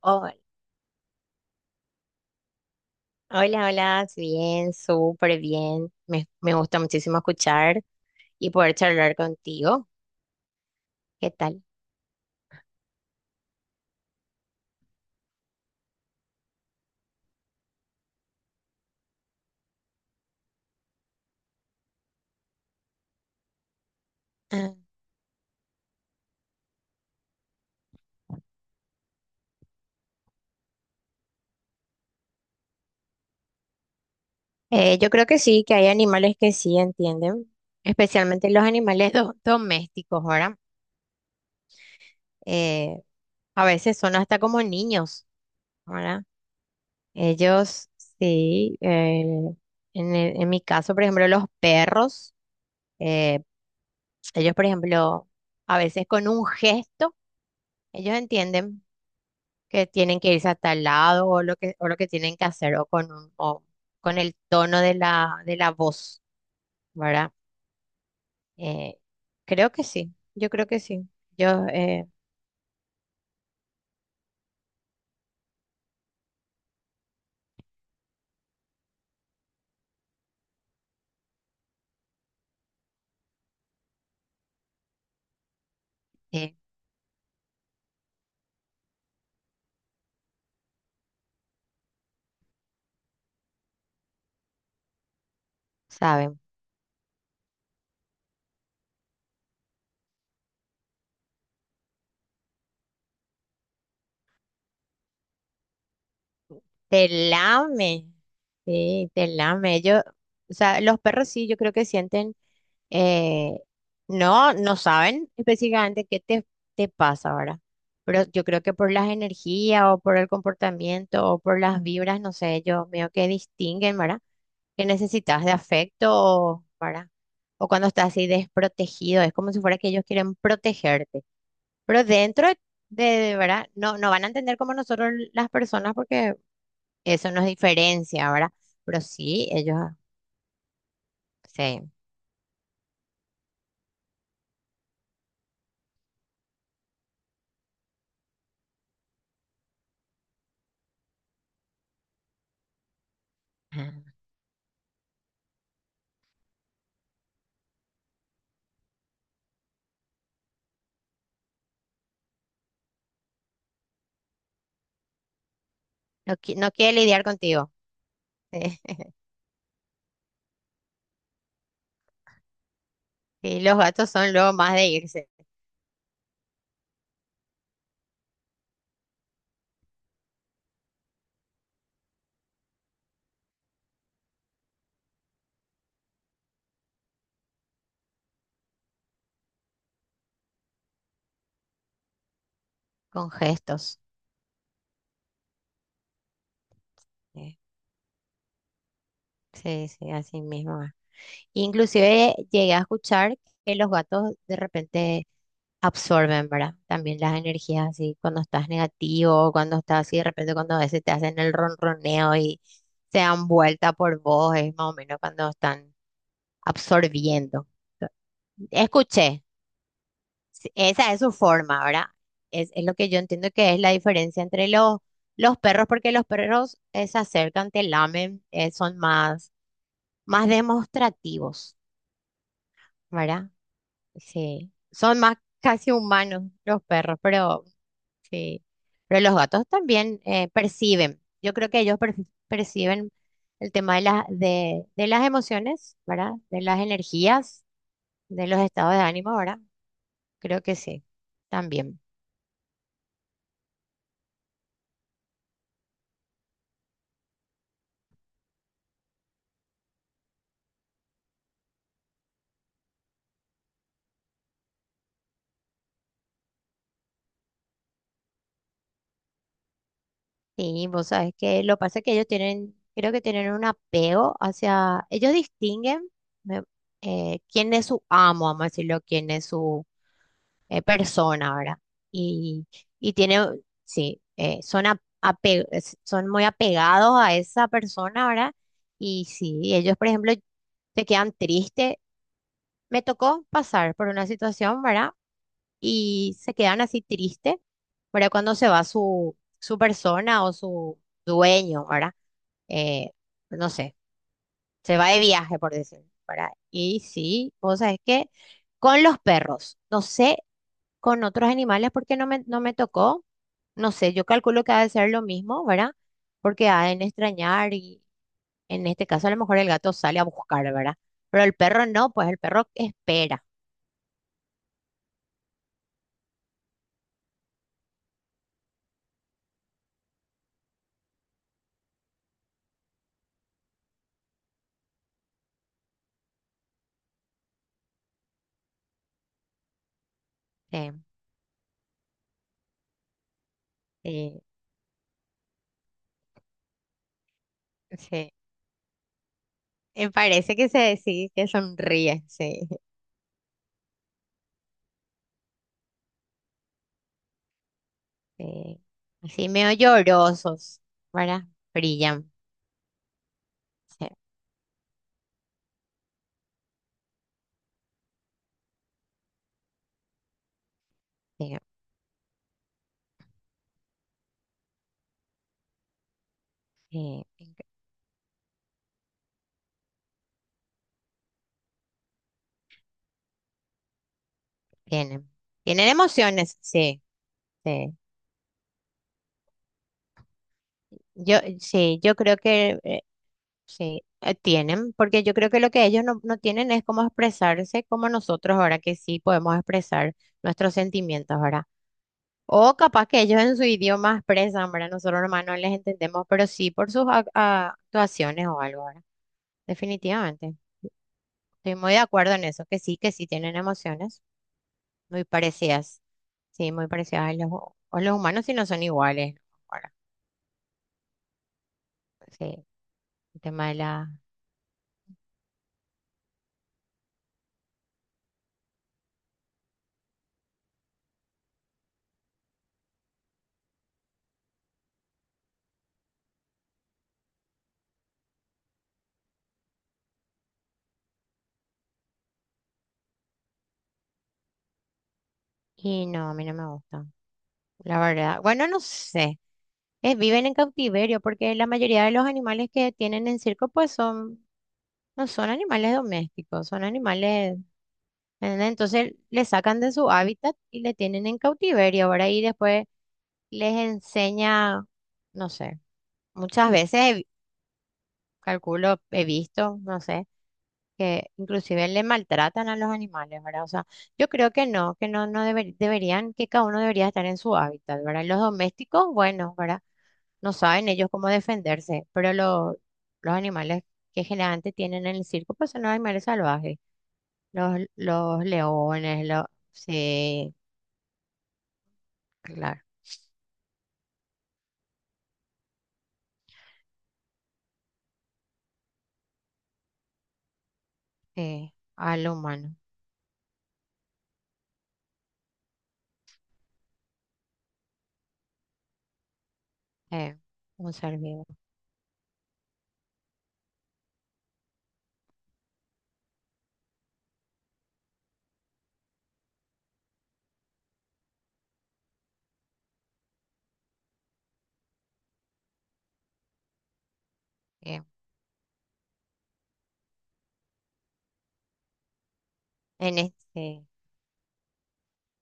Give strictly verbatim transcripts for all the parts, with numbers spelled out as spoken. Hola, hola, hola, bien, súper bien. Me, me gusta muchísimo escuchar y poder charlar contigo. ¿Qué tal? Ah, eh, yo creo que sí, que hay animales que sí entienden, especialmente los animales do- domésticos, ¿verdad? Eh, a veces son hasta como niños, ¿verdad? Ellos, sí, eh, en, e- en mi caso, por ejemplo, los perros, eh, ellos, por ejemplo, a veces con un gesto, ellos entienden que tienen que irse hasta el lado o lo que, o lo que tienen que hacer o con, un- o con el tono de la, de la voz, ¿verdad? Eh, creo que sí, yo creo que sí. yo eh, eh, Saben. Te lame, sí, te lame. Yo, o sea, los perros sí, yo creo que sienten, eh, no, no saben específicamente qué te, te pasa ahora, pero yo creo que por las energías o por el comportamiento o por las vibras, no sé, yo veo que distinguen, ¿verdad? Que necesitas de afecto, o, ¿verdad? O cuando estás así desprotegido, es como si fuera que ellos quieren protegerte, pero dentro de, de, ¿verdad? No, no van a entender como nosotros las personas porque… Eso nos diferencia, ¿verdad? Pero sí, ellos ah, se no, qui- no quieren lidiar contigo. Eh, Y los gatos son luego más de irse con gestos. eh, Sí, sí, así mismo es. Inclusive llegué a escuchar que los gatos de repente absorben, ¿verdad? También las energías así cuando estás negativo, cuando estás así, de repente cuando a veces te hacen el ronroneo y se dan vuelta por vos, es más o menos cuando están absorbiendo. Escuché. Sí, esa es su forma, ¿verdad? Es, es lo que yo entiendo que es la diferencia entre los, los perros, porque los perros eh, se acercan, te lamen, eh, son más, más demostrativos, ¿verdad? Sí, son más casi humanos los perros, pero sí, pero los gatos también eh, perciben. Yo creo que ellos perci- perciben el tema de, la- de, de las emociones, ¿verdad? De las energías, de los estados de ánimo, ¿verdad? Creo que sí, también. Sí, vos sabés que lo que pasa es que ellos tienen, creo que tienen un apego hacia, ellos distinguen me- eh, quién es su amo, vamos a decirlo, quién es su eh, persona, ¿verdad? Y, y tiene, sí, eh, son, a- ape- es- son muy apegados a esa persona, ¿verdad? Y sí, ellos, por ejemplo, se quedan tristes. Me tocó pasar por una situación, ¿verdad? Y se quedan así tristes, ¿verdad? Cuando se va su, su persona o su dueño, ¿verdad? eh, no sé, se va de viaje, por decirlo, ¿verdad? Y sí, vos sabés que con los perros, no sé, con otros animales porque no me, no me tocó, no sé, yo calculo que ha de ser lo mismo, ¿verdad? Porque ha de extrañar y en este caso a lo mejor el gato sale a buscar, ¿verdad? Pero el perro no, pues el perro espera. Sí. eh, sí. Me parece que se sí, que sonríe, sí. eh, Así medio llorosos, ¿verdad? Brillan. Sí, sí. Sí, tienen. Tienen emociones, sí, sí. Yo, sí, yo creo que eh, sí, eh, tienen, porque yo creo que lo que ellos no, no tienen es cómo expresarse como nosotros ahora que sí podemos expresar nuestros sentimientos ahora. O capaz que ellos en su idioma expresan, ¿verdad? Nosotros nomás no les entendemos, pero sí por sus ac- a- actuaciones o algo, ¿verdad? Definitivamente. Estoy muy de acuerdo en eso, que sí, que sí tienen emociones muy parecidas. Sí, muy parecidas a los, hu- o los humanos si no son iguales, ¿no? Ahora, sí, el tema de la… Y no, a mí no me gusta, la verdad. Bueno, no sé, es, viven en cautiverio porque la mayoría de los animales que tienen en circo pues son, no son animales domésticos, son animales… ¿Entendés? Entonces le sacan de su hábitat y le tienen en cautiverio, ahora. Y después les enseña, no sé, muchas veces he vi- calculo, he visto, no sé que inclusive le maltratan a los animales, ¿verdad? O sea, yo creo que no, que no, no deber- deberían, que cada uno debería estar en su hábitat, ¿verdad? Los domésticos, bueno, ¿verdad? No saben ellos cómo defenderse, pero lo- los animales que generalmente tienen en el circo, pues son los animales salvajes, los, los leones, los… Sí, claro, eh, al humano, eh, un ser vivo. eh, en este,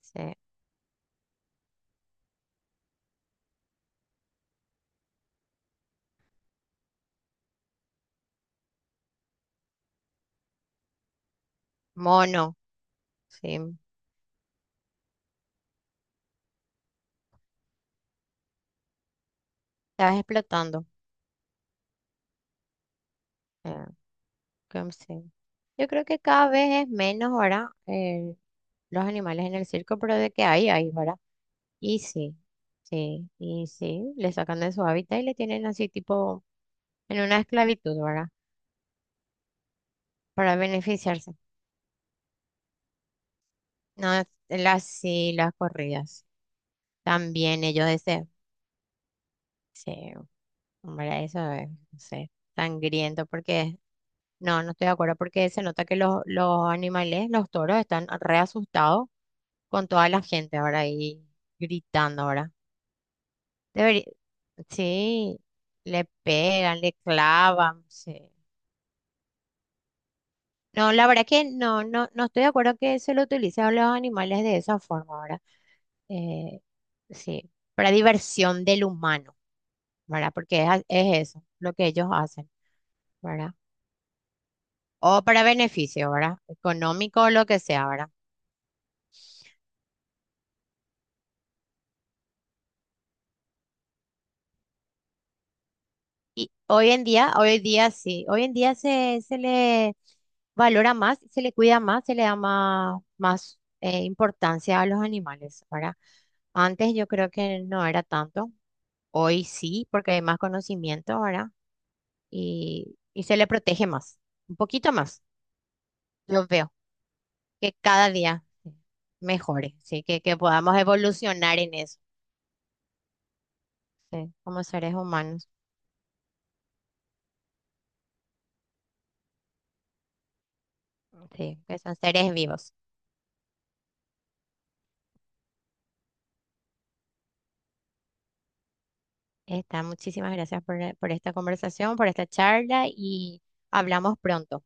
sí, mono, sí, estás explotando. Eh. Como sí. Yo creo que cada vez es menos ahora eh, los animales en el circo, pero de que hay, hay, ¿verdad? Y sí, sí, y sí, le sacan de su hábitat y le tienen así tipo en una esclavitud, ¿verdad? Para beneficiarse. No, las sí, las corridas. También ellos desean. Sí, hombre, eso es, no sé, sangriento porque… No, no estoy de acuerdo porque se nota que los, los animales, los toros, están re asustados con toda la gente ahora ahí gritando ahora. Debería, sí, le pegan, le clavan, sí. No, la verdad que no, no, no estoy de acuerdo que se lo utilice a los animales de esa forma ahora. Eh, sí, para diversión del humano, ¿verdad? Porque es, a- es eso lo que ellos hacen, ¿verdad? O para beneficio, ¿verdad? Económico o lo que sea, ¿verdad? Y hoy en día, hoy día sí, hoy en día se, se le valora más, se le cuida más, se le da más, más eh, importancia a los animales, ¿verdad? Antes yo creo que no era tanto, hoy sí, porque hay más conocimiento, ¿verdad? Y, y se le protege más, un poquito más, yo veo, que cada día mejore, ¿sí? Que, que podamos evolucionar en eso, ¿sí? Como seres humanos, ¿sí? Que son seres vivos. Está, muchísimas gracias por, por esta conversación, por esta charla y hablamos pronto.